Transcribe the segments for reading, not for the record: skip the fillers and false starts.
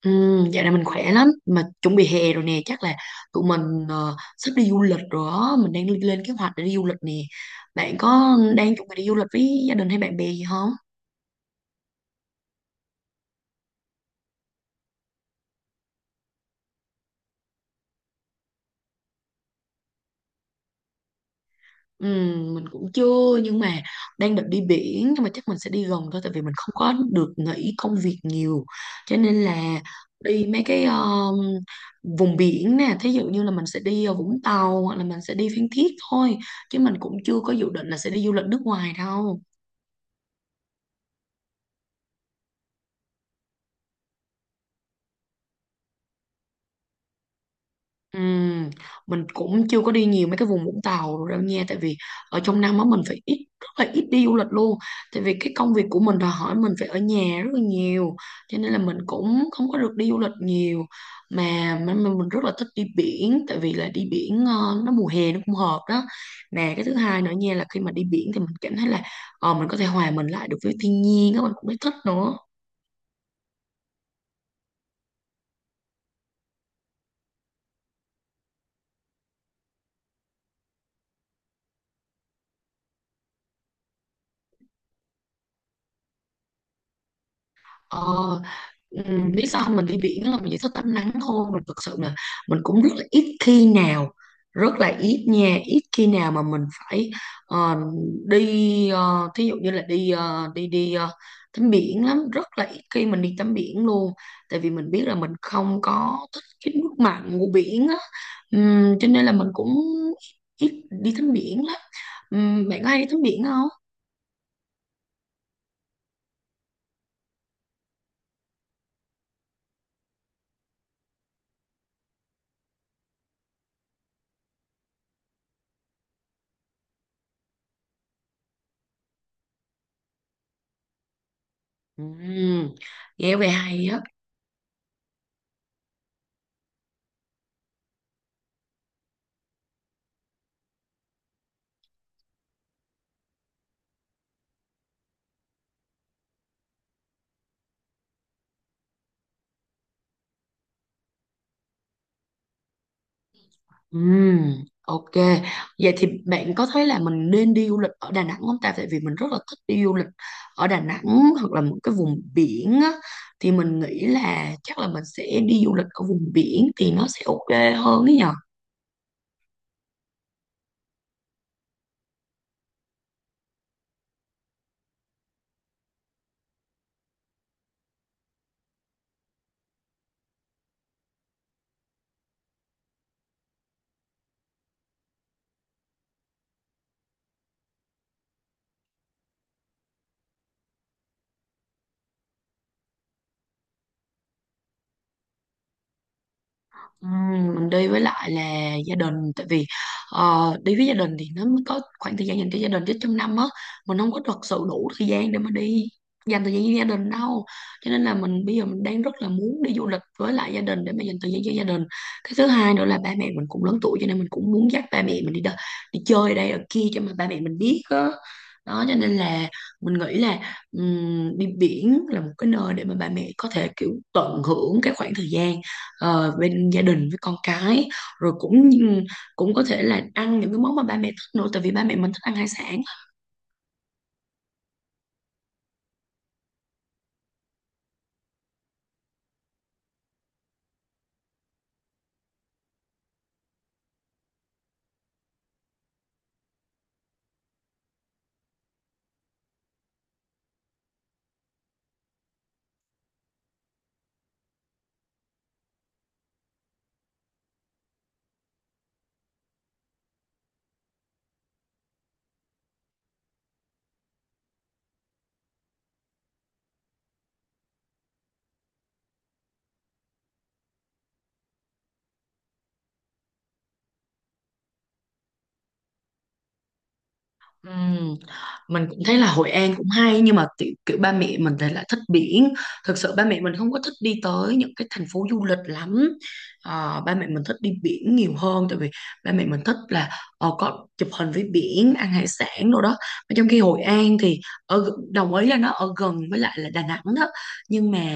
Ừ, dạo này mình khỏe lắm mà chuẩn bị hè rồi nè, chắc là tụi mình sắp đi du lịch rồi đó. Mình đang lên kế hoạch để đi du lịch nè. Bạn có đang chuẩn bị đi du lịch với gia đình hay bạn bè gì không? Ừ, mình cũng chưa nhưng mà đang định đi biển, nhưng mà chắc mình sẽ đi gần thôi tại vì mình không có được nghỉ công việc nhiều, cho nên là đi mấy cái vùng biển nè, thí dụ như là mình sẽ đi Vũng Tàu hoặc là mình sẽ đi Phan Thiết thôi, chứ mình cũng chưa có dự định là sẽ đi du lịch nước ngoài đâu. Ừm, mình cũng chưa có đi nhiều mấy cái vùng Vũng Tàu đâu nha, tại vì ở trong năm á mình phải ít, rất là ít đi du lịch luôn, tại vì cái công việc của mình đòi hỏi mình phải ở nhà rất là nhiều, cho nên là mình cũng không có được đi du lịch nhiều. Mà mình rất là thích đi biển, tại vì là đi biển nó mùa hè nó cũng hợp đó nè. Cái thứ hai nữa nha là khi mà đi biển thì mình cảm thấy là mình có thể hòa mình lại được với thiên nhiên đó, mình cũng thấy thích nữa. Ờ, Ừ, lý do mình đi biển là mình chỉ thích tắm nắng thôi, mình thực sự là mình cũng rất là ít khi nào, rất là ít nha, ít khi nào mà mình phải ờ, đi thí dụ như là đi đi đi tắm biển lắm, rất là ít khi mình đi tắm biển luôn, tại vì mình biết là mình không có thích cái nước mặn của biển á. Cho nên là mình cũng ít đi tắm biển lắm. Bạn có hay đi tắm biển không? Ừm, Nghe về hay á. Ừm, ok. Vậy thì bạn có thấy là mình nên đi du lịch ở Đà Nẵng không ta? Tại vì mình rất là thích đi du lịch ở Đà Nẵng hoặc là một cái vùng biển á, thì mình nghĩ là chắc là mình sẽ đi du lịch ở vùng biển thì nó sẽ ok hơn ấy nhờ. Ừ, mình đi với lại là gia đình, tại vì đi với gia đình thì nó mới có khoảng thời gian dành cho gia đình, chứ trong năm á mình không có thật sự đủ thời gian để mà đi dành thời gian với gia đình đâu, cho nên là mình bây giờ mình đang rất là muốn đi du lịch với lại gia đình để mà dành thời gian cho gia đình. Cái thứ hai nữa là ba mẹ mình cũng lớn tuổi, cho nên mình cũng muốn dắt ba mẹ mình đi chơi ở đây ở kia cho mà ba mẹ mình biết á. Đó, cho nên là mình nghĩ là đi biển là một cái nơi để mà ba mẹ có thể kiểu tận hưởng cái khoảng thời gian bên gia đình với con cái, rồi cũng cũng có thể là ăn những cái món mà ba mẹ thích nữa, tại vì ba mẹ mình thích ăn hải sản. Ừm, Mình cũng thấy là Hội An cũng hay, nhưng mà kiểu ba mẹ mình thì lại thích biển, thực sự ba mẹ mình không có thích đi tới những cái thành phố du lịch lắm. Ba mẹ mình thích đi biển nhiều hơn, tại vì ba mẹ mình thích là có chụp hình với biển, ăn hải sản đồ đó, mà trong khi Hội An thì đồng ý là nó ở gần với lại là Đà Nẵng đó, nhưng mà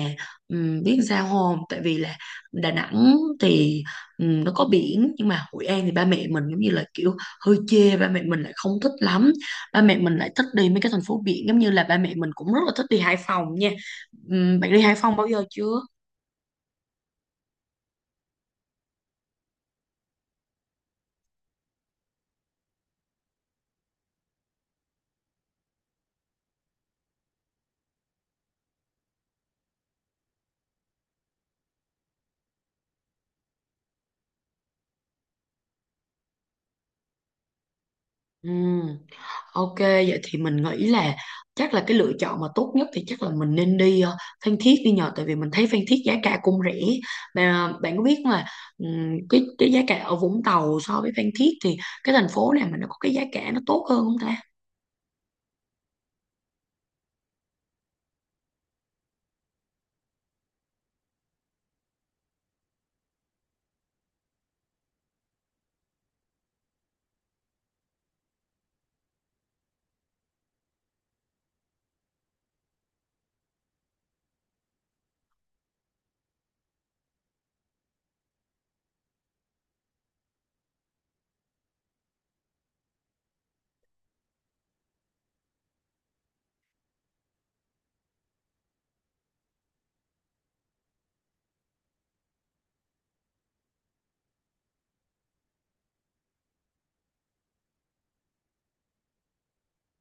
biết sao không, tại vì là Đà Nẵng thì nó có biển nhưng mà Hội An thì ba mẹ mình giống như là kiểu hơi chê, ba mẹ mình lại không thích lắm. Ba mẹ mình lại thích đi mấy cái thành phố biển, giống như là ba mẹ mình cũng rất là thích đi Hải Phòng nha. Bạn đi Hải Phòng bao giờ chưa? Ừm, ok, vậy thì mình nghĩ là chắc là cái lựa chọn mà tốt nhất thì chắc là mình nên đi Phan Thiết đi nhờ, tại vì mình thấy Phan Thiết giá cả cũng rẻ. Mà bạn có biết mà cái giá cả ở Vũng Tàu so với Phan Thiết thì cái thành phố nào mà nó có cái giá cả nó tốt hơn không ta?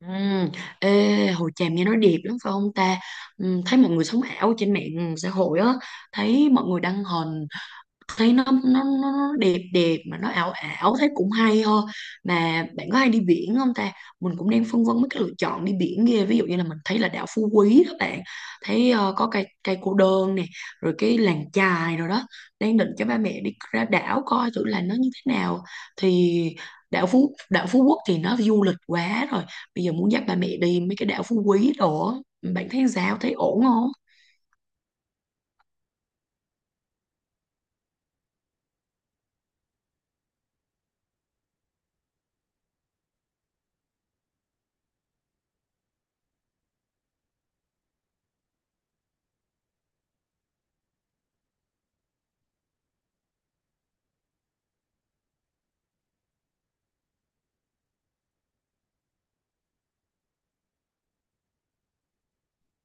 Ừm, Ê, Hồ Tràm nghe nói đẹp lắm phải không ta? Thấy mọi người sống ảo trên mạng xã hội á, thấy mọi người đăng hình, thấy nó đẹp đẹp mà nó ảo ảo, thấy cũng hay ho. Mà bạn có hay đi biển không ta? Mình cũng đang phân vân mấy cái lựa chọn đi biển kia, ví dụ như là mình thấy là đảo Phú Quý các bạn thấy có cây cây cô đơn nè, rồi cái làng chài rồi đó, đang định cho ba mẹ đi ra đảo coi thử là nó như thế nào. Thì đảo Phú Quốc thì nó du lịch quá rồi, bây giờ muốn dắt ba mẹ đi mấy cái đảo Phú Quý đồ á. Bạn thấy sao, thấy ổn không?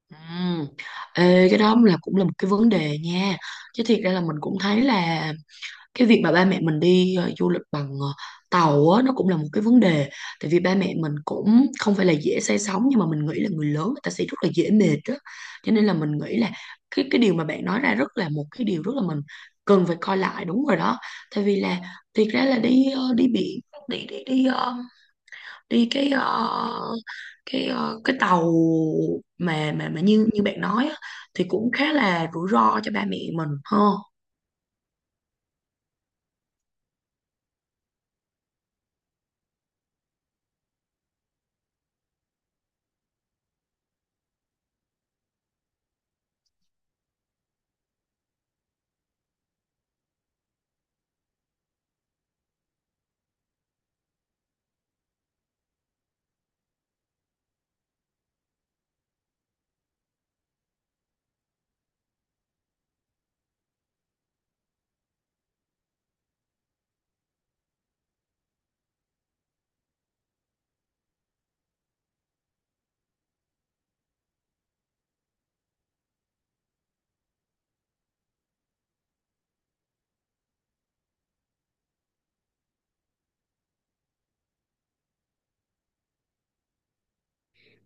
Ừm, Ê, cái đó là cũng là một cái vấn đề nha, chứ thiệt ra là mình cũng thấy là cái việc mà ba mẹ mình đi du lịch bằng tàu á nó cũng là một cái vấn đề, tại vì ba mẹ mình cũng không phải là dễ say sóng nhưng mà mình nghĩ là người lớn người ta sẽ rất là dễ mệt đó, cho nên là mình nghĩ là cái điều mà bạn nói ra rất là một cái điều rất là mình cần phải coi lại, đúng rồi đó. Tại vì là thiệt ra là đi đi biển đi đi đi ờ, đi cái tàu mà như như bạn nói á, thì cũng khá là rủi ro cho ba mẹ mình ha.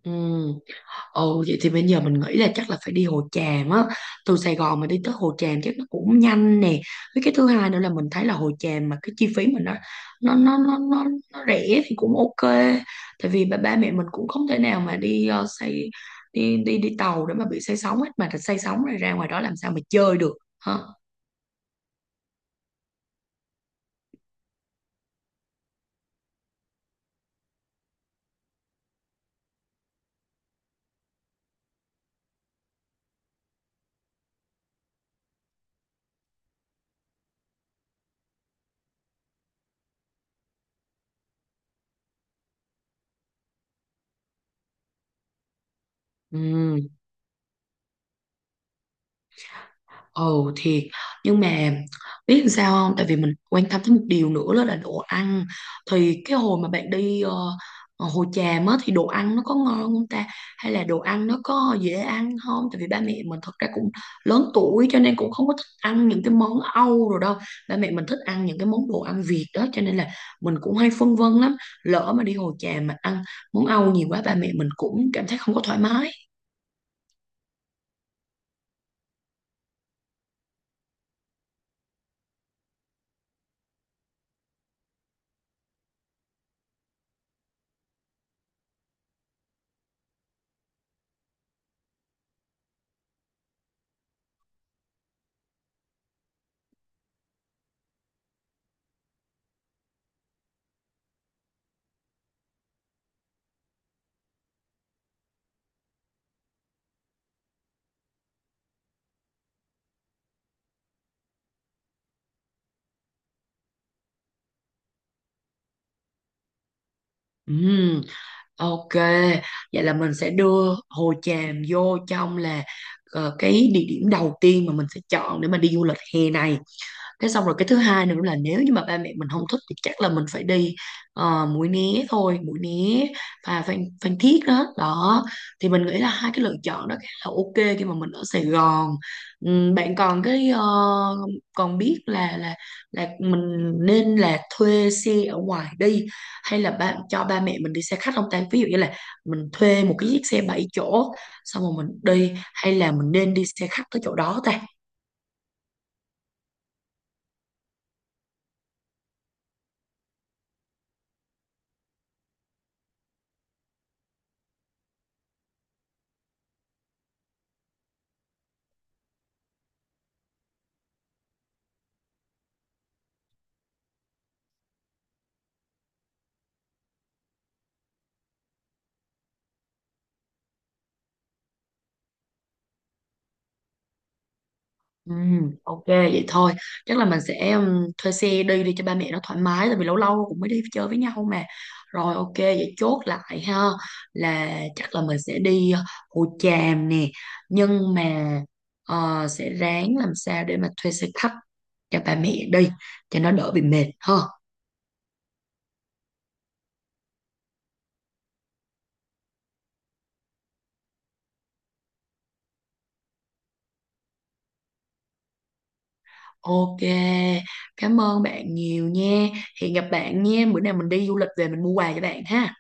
Ừ. Ừ, vậy thì bây giờ mình nghĩ là chắc là phải đi Hồ Tràm á, từ Sài Gòn mà đi tới Hồ Tràm chắc nó cũng nhanh nè. Với cái thứ hai nữa là mình thấy là Hồ Tràm mà cái chi phí mình nó nó nó nó, nó rẻ thì cũng ok. Tại vì ba mẹ mình cũng không thể nào mà đi ờ, xây đi đi đi tàu để mà bị say sóng hết, mà thật say sóng rồi ra ngoài đó làm sao mà chơi được ha. Ừ. Ồ thiệt. Nhưng mà biết làm sao không, tại vì mình quan tâm tới một điều nữa đó là đồ ăn. Thì cái hồi mà bạn đi Hồ Tràm á thì đồ ăn nó có ngon không ta? Hay là đồ ăn nó có dễ ăn không? Tại vì ba mẹ mình thật ra cũng lớn tuổi, cho nên cũng không có thích ăn những cái món Âu rồi đâu. Ba mẹ mình thích ăn những cái món đồ ăn Việt đó, cho nên là mình cũng hay phân vân lắm, lỡ mà đi Hồ Tràm mà ăn món Âu nhiều quá, ba mẹ mình cũng cảm thấy không có thoải mái. Ừ. Ok, vậy là mình sẽ đưa Hồ Tràm vô trong là cái địa điểm đầu tiên mà mình sẽ chọn để mà đi du lịch hè này. Thế xong rồi cái thứ hai nữa là nếu như mà ba mẹ mình không thích thì chắc là mình phải đi Mũi Né thôi, Mũi Né và Phan Thiết đó. Đó, thì mình nghĩ là hai cái lựa chọn đó khá là ok khi mà mình ở Sài Gòn. Bạn còn cái còn biết là là mình nên là thuê xe ở ngoài đi hay là cho ba mẹ mình đi xe khách không ta? Ví dụ như là mình thuê một cái chiếc xe 7 chỗ xong rồi mình đi, hay là mình nên đi xe khách tới chỗ đó ta? Ừ, ok vậy thôi, chắc là mình sẽ thuê xe đi đi cho ba mẹ nó thoải mái, tại vì lâu lâu cũng mới đi chơi với nhau mà. Rồi, ok vậy chốt lại ha, là chắc là mình sẽ đi Hồ Tràm nè, nhưng mà sẽ ráng làm sao để mà thuê xe khách cho ba mẹ đi cho nó đỡ bị mệt ha. Ok, cảm ơn bạn nhiều nha. Hẹn gặp bạn nha, bữa nào mình đi du lịch về mình mua quà cho bạn ha.